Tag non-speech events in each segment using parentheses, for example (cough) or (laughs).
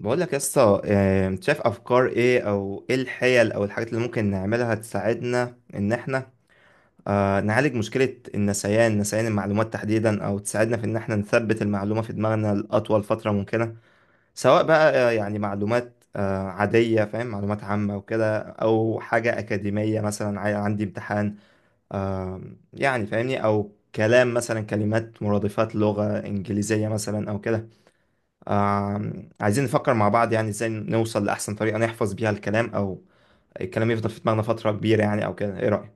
بقول لك يا اسطى انت شايف افكار ايه او ايه الحيل او الحاجات اللي ممكن نعملها تساعدنا ان احنا نعالج مشكلة النسيان، نسيان المعلومات تحديدا، او تساعدنا في ان احنا نثبت المعلومة في دماغنا لأطول فترة ممكنة، سواء بقى يعني معلومات عادية، فاهم، معلومات عامة وكده، او حاجة أكاديمية مثلا، عندي امتحان آه، يعني، فاهمني، او كلام مثلا، كلمات مرادفات لغة إنجليزية مثلا او كده. عايزين نفكر مع بعض يعني ازاي نوصل لأحسن طريقة نحفظ بيها الكلام، أو الكلام يفضل في دماغنا فترة كبيرة يعني أو كده. إيه رأيك؟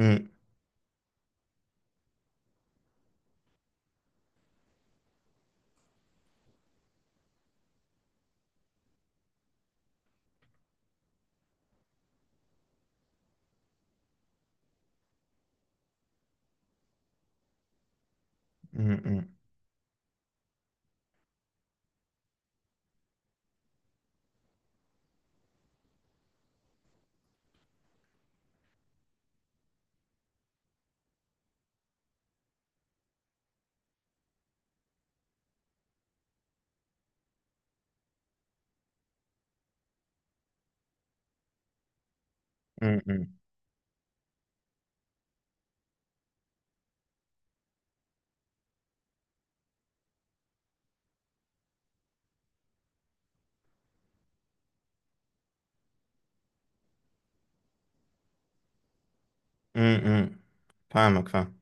أمم. أمم. أمم. أمم. أمم. أمم. فاهمك، فاهم.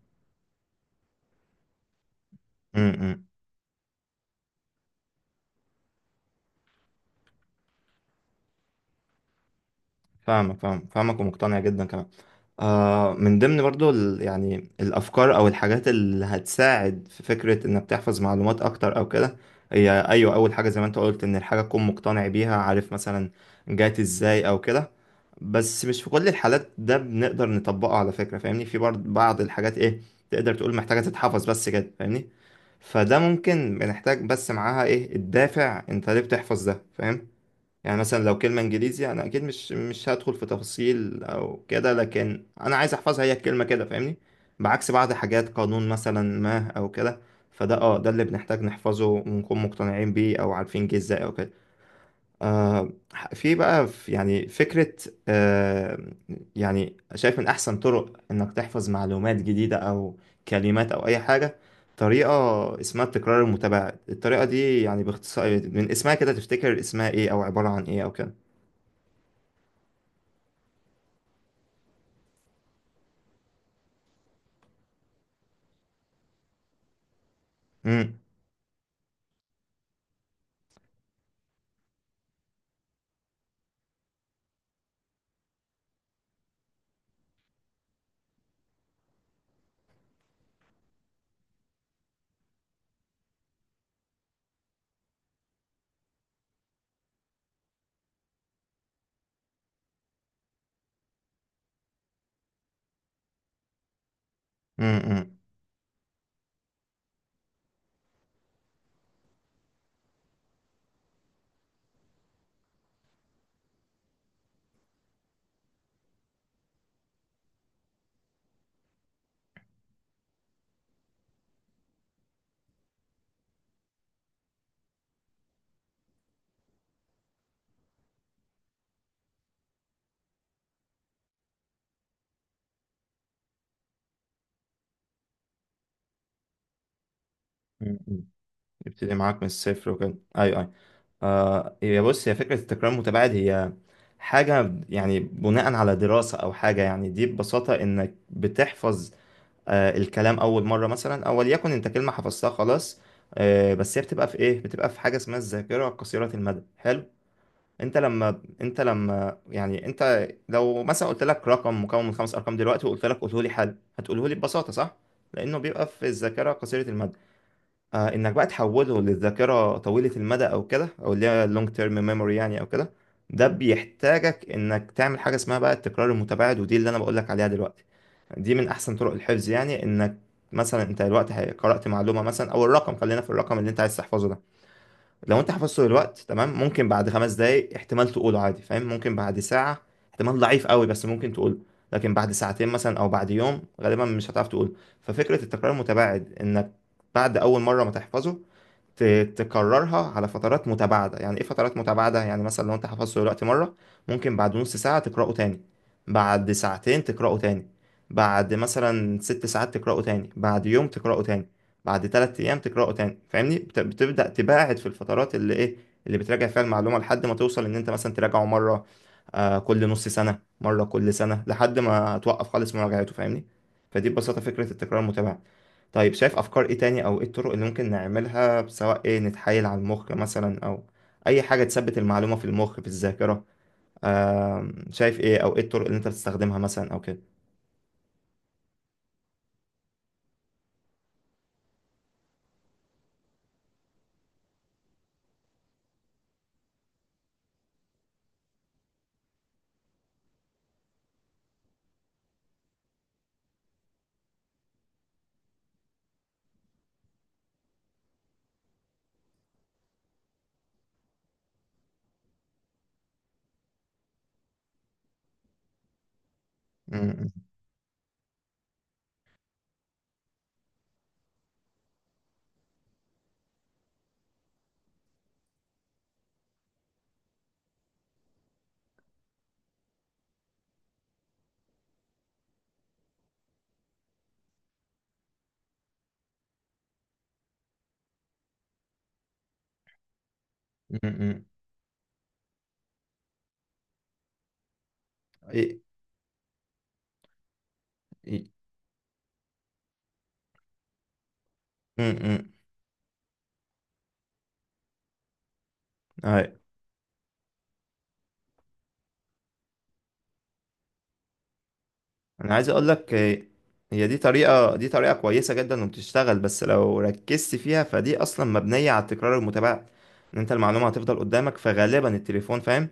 أمم، أمم. فاهمك، فاهمك، فاهمك، ومقتنع جدا كمان. آه، من ضمن برضو يعني الافكار او الحاجات اللي هتساعد في فكره انك تحفظ معلومات اكتر او كده، هي ايوه اول حاجه زي ما انت قلت، ان الحاجه تكون مقتنع بيها، عارف مثلا جات ازاي او كده. بس مش في كل الحالات ده بنقدر نطبقه، على فكره فاهمني، في برضه بعض الحاجات ايه، تقدر تقول محتاجه تتحفظ بس كده، فاهمني. فده ممكن بنحتاج بس معاها ايه الدافع، انت ليه بتحفظ ده، فاهم؟ يعني مثلا لو كلمة انجليزي انا اكيد مش هدخل في تفاصيل او كده، لكن انا عايز احفظها هي الكلمة كده فاهمني، بعكس بعض حاجات قانون مثلا ما او كده. فده ده اللي بنحتاج نحفظه ونكون مقتنعين بيه، او عارفين جه ازاي او كده. آه في بقى في يعني فكرة، آه يعني شايف من احسن طرق انك تحفظ معلومات جديدة او كلمات او اي حاجة، طريقة اسمها التكرار المتباعد. الطريقة دي يعني باختصار من اسمها كده، تفتكر اسمها ايه او عبارة عن ايه او كده؟ امم. امم. امم، امم. امم. يبتدي معاك من الصفر وكده، ايوه ايوه. آه، هي بص، هي فكره التكرار المتباعد هي حاجه يعني بناء على دراسه او حاجه. يعني دي ببساطه انك بتحفظ الكلام اول مره مثلا، او وليكن انت كلمه حفظتها خلاص، بس هي بتبقى في ايه، بتبقى في حاجه اسمها الذاكره قصيره المدى، حلو. انت لما انت لما يعني انت لو مثلا قلت لك رقم مكون من 5 ارقام دلوقتي، وقلت لك قوله لي حل، هتقوله لي ببساطه، صح؟ لانه بيبقى في الذاكره قصيره المدى. انك بقى تحوله للذاكره طويله المدى او كده، او اللي هي لونج تيرم ميموري يعني او كده، ده بيحتاجك انك تعمل حاجه اسمها بقى التكرار المتباعد. ودي اللي انا بقول لك عليها دلوقتي، دي من احسن طرق الحفظ، يعني انك مثلا انت دلوقتي قرات معلومه مثلا، او الرقم، خلينا في الرقم اللي انت عايز تحفظه ده. لو انت حفظته دلوقتي تمام، ممكن بعد 5 دقايق احتمال تقوله عادي، فاهم، ممكن بعد ساعه احتمال ضعيف قوي بس ممكن تقوله. لكن بعد ساعتين مثلا او بعد يوم غالبا مش هتعرف تقوله. ففكره التكرار المتباعد انك بعد اول مره ما تحفظه، تكررها على فترات متباعدة. يعني ايه فترات متباعدة؟ يعني مثلا لو انت حفظته دلوقتي مرة، ممكن بعد نص ساعة تقرأه تاني، بعد ساعتين تقرأه تاني، بعد مثلا 6 ساعات تقرأه تاني، بعد يوم تقرأه تاني، بعد 3 أيام تقرأه تاني، فاهمني، بتبدأ تباعد في الفترات اللي ايه، اللي بتراجع فيها المعلومة، لحد ما توصل ان انت مثلا تراجعه مرة كل نص سنة، مرة كل سنة، لحد ما توقف خالص مراجعته، فاهمني. فدي ببساطة فكرة التكرار المتباعد. طيب شايف افكار ايه تاني او ايه الطرق اللي ممكن نعملها، سواء ايه، نتحايل على المخ مثلا، او اي حاجة تثبت المعلومة في المخ في الذاكرة. شايف ايه او ايه الطرق اللي انت بتستخدمها مثلا او كده؟ م- م- م- م- إيه- إيه- م- م. أي. انا عايز اقول لك هي دي طريقة، دي طريقة كويسة جدا وبتشتغل، بس لو ركزت فيها، فدي اصلا مبنية على التكرار المتابعة. ان انت المعلومة هتفضل قدامك، فغالبا التليفون فاهم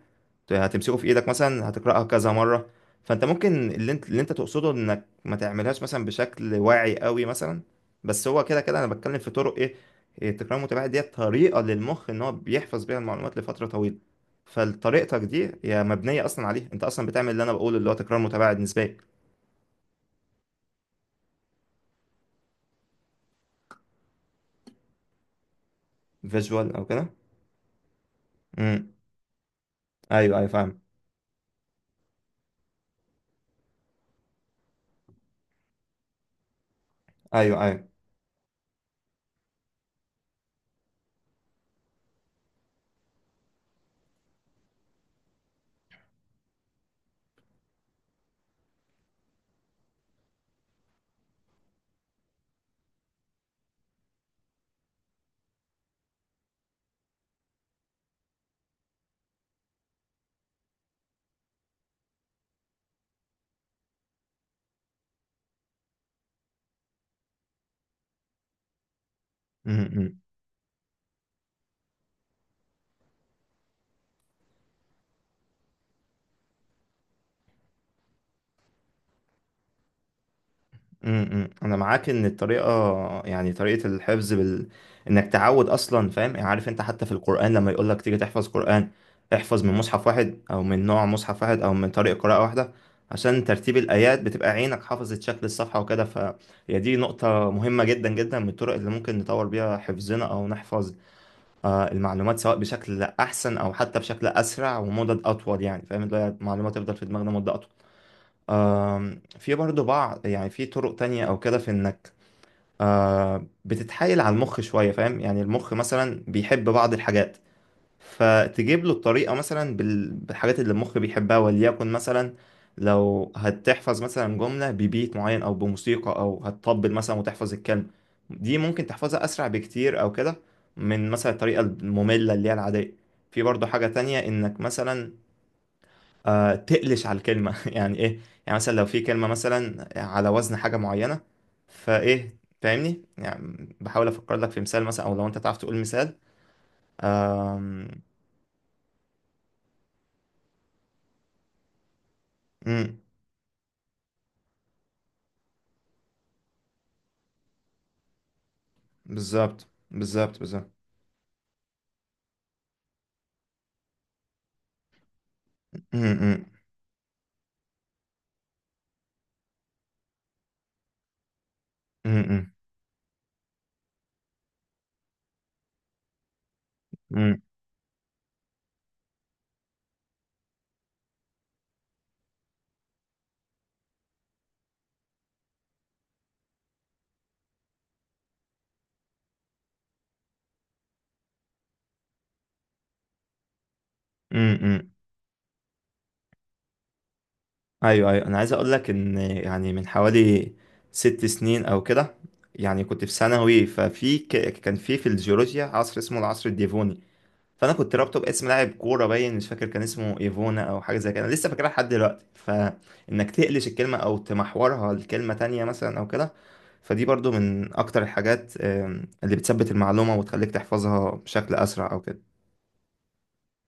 هتمسكه في ايدك مثلا، هتقرأها كذا مرة. فانت ممكن اللي انت تقصده انك ما تعملهاش مثلا بشكل واعي قوي مثلا، بس هو كده كده انا بتكلم في طرق ايه، إيه، التكرار المتابعة دي طريقة للمخ ان هو بيحفظ بيها المعلومات لفترة طويلة. فطريقتك دي هي مبنية اصلا عليها، انت اصلا بتعمل اللي انا بقوله، اللي هو تكرار متابعة نسبية. فيجوال او كده. امم. ايوه ايوه فاهم. ايوه ايوه. امم. امم، انا معاك ان الطريقه، يعني طريقه الحفظ بال... انك تعود اصلا فاهم، يعني عارف انت حتى في القران، لما يقول لك تيجي تحفظ قران، احفظ من مصحف واحد او من نوع مصحف واحد او من طريقه قراءه واحده، عشان ترتيب الايات بتبقى عينك حافظت شكل الصفحه وكده. فهي دي نقطه مهمه جدا جدا من الطرق اللي ممكن نطور بيها حفظنا، او نحفظ المعلومات سواء بشكل احسن، او حتى بشكل اسرع ومدد اطول، يعني فاهم، اللي هي المعلومات تفضل في دماغنا مده اطول. في برضو بعض يعني، في طرق تانية او كده، في انك بتتحايل على المخ شويه، فاهم، يعني المخ مثلا بيحب بعض الحاجات، فتجيب له الطريقة مثلا بالحاجات اللي المخ بيحبها. وليكن مثلا لو هتحفظ مثلا جملة ببيت معين أو بموسيقى، أو هتطبل مثلا وتحفظ الكلمة، دي ممكن تحفظها أسرع بكتير أو كده، من مثلا الطريقة المملة اللي هي العادية. في برضه حاجة تانية إنك مثلا تقلش على الكلمة (laughs) يعني إيه، يعني مثلا لو في كلمة مثلا على وزن حاجة معينة، فإيه فاهمني، يعني بحاول أفكر لك في مثال مثلا، أو لو أنت تعرف تقول مثال. أمم. بالظبط، بالظبط، بالظبط. م- م- م- م- م- م. ايوه ايوه، انا عايز اقول لك، ان يعني من حوالي 6 سنين او كده، يعني كنت في ثانوي، ففي كان في الجيولوجيا عصر اسمه العصر الديفوني، فانا كنت رابطه باسم لاعب كوره، باين مش فاكر كان اسمه ايفونا او حاجه زي كده، انا لسه فاكرها لحد دلوقتي. فانك تقلش الكلمه او تمحورها لكلمه تانية مثلا او كده، فدي برضو من اكتر الحاجات اللي بتثبت المعلومه وتخليك تحفظها بشكل اسرع او كده.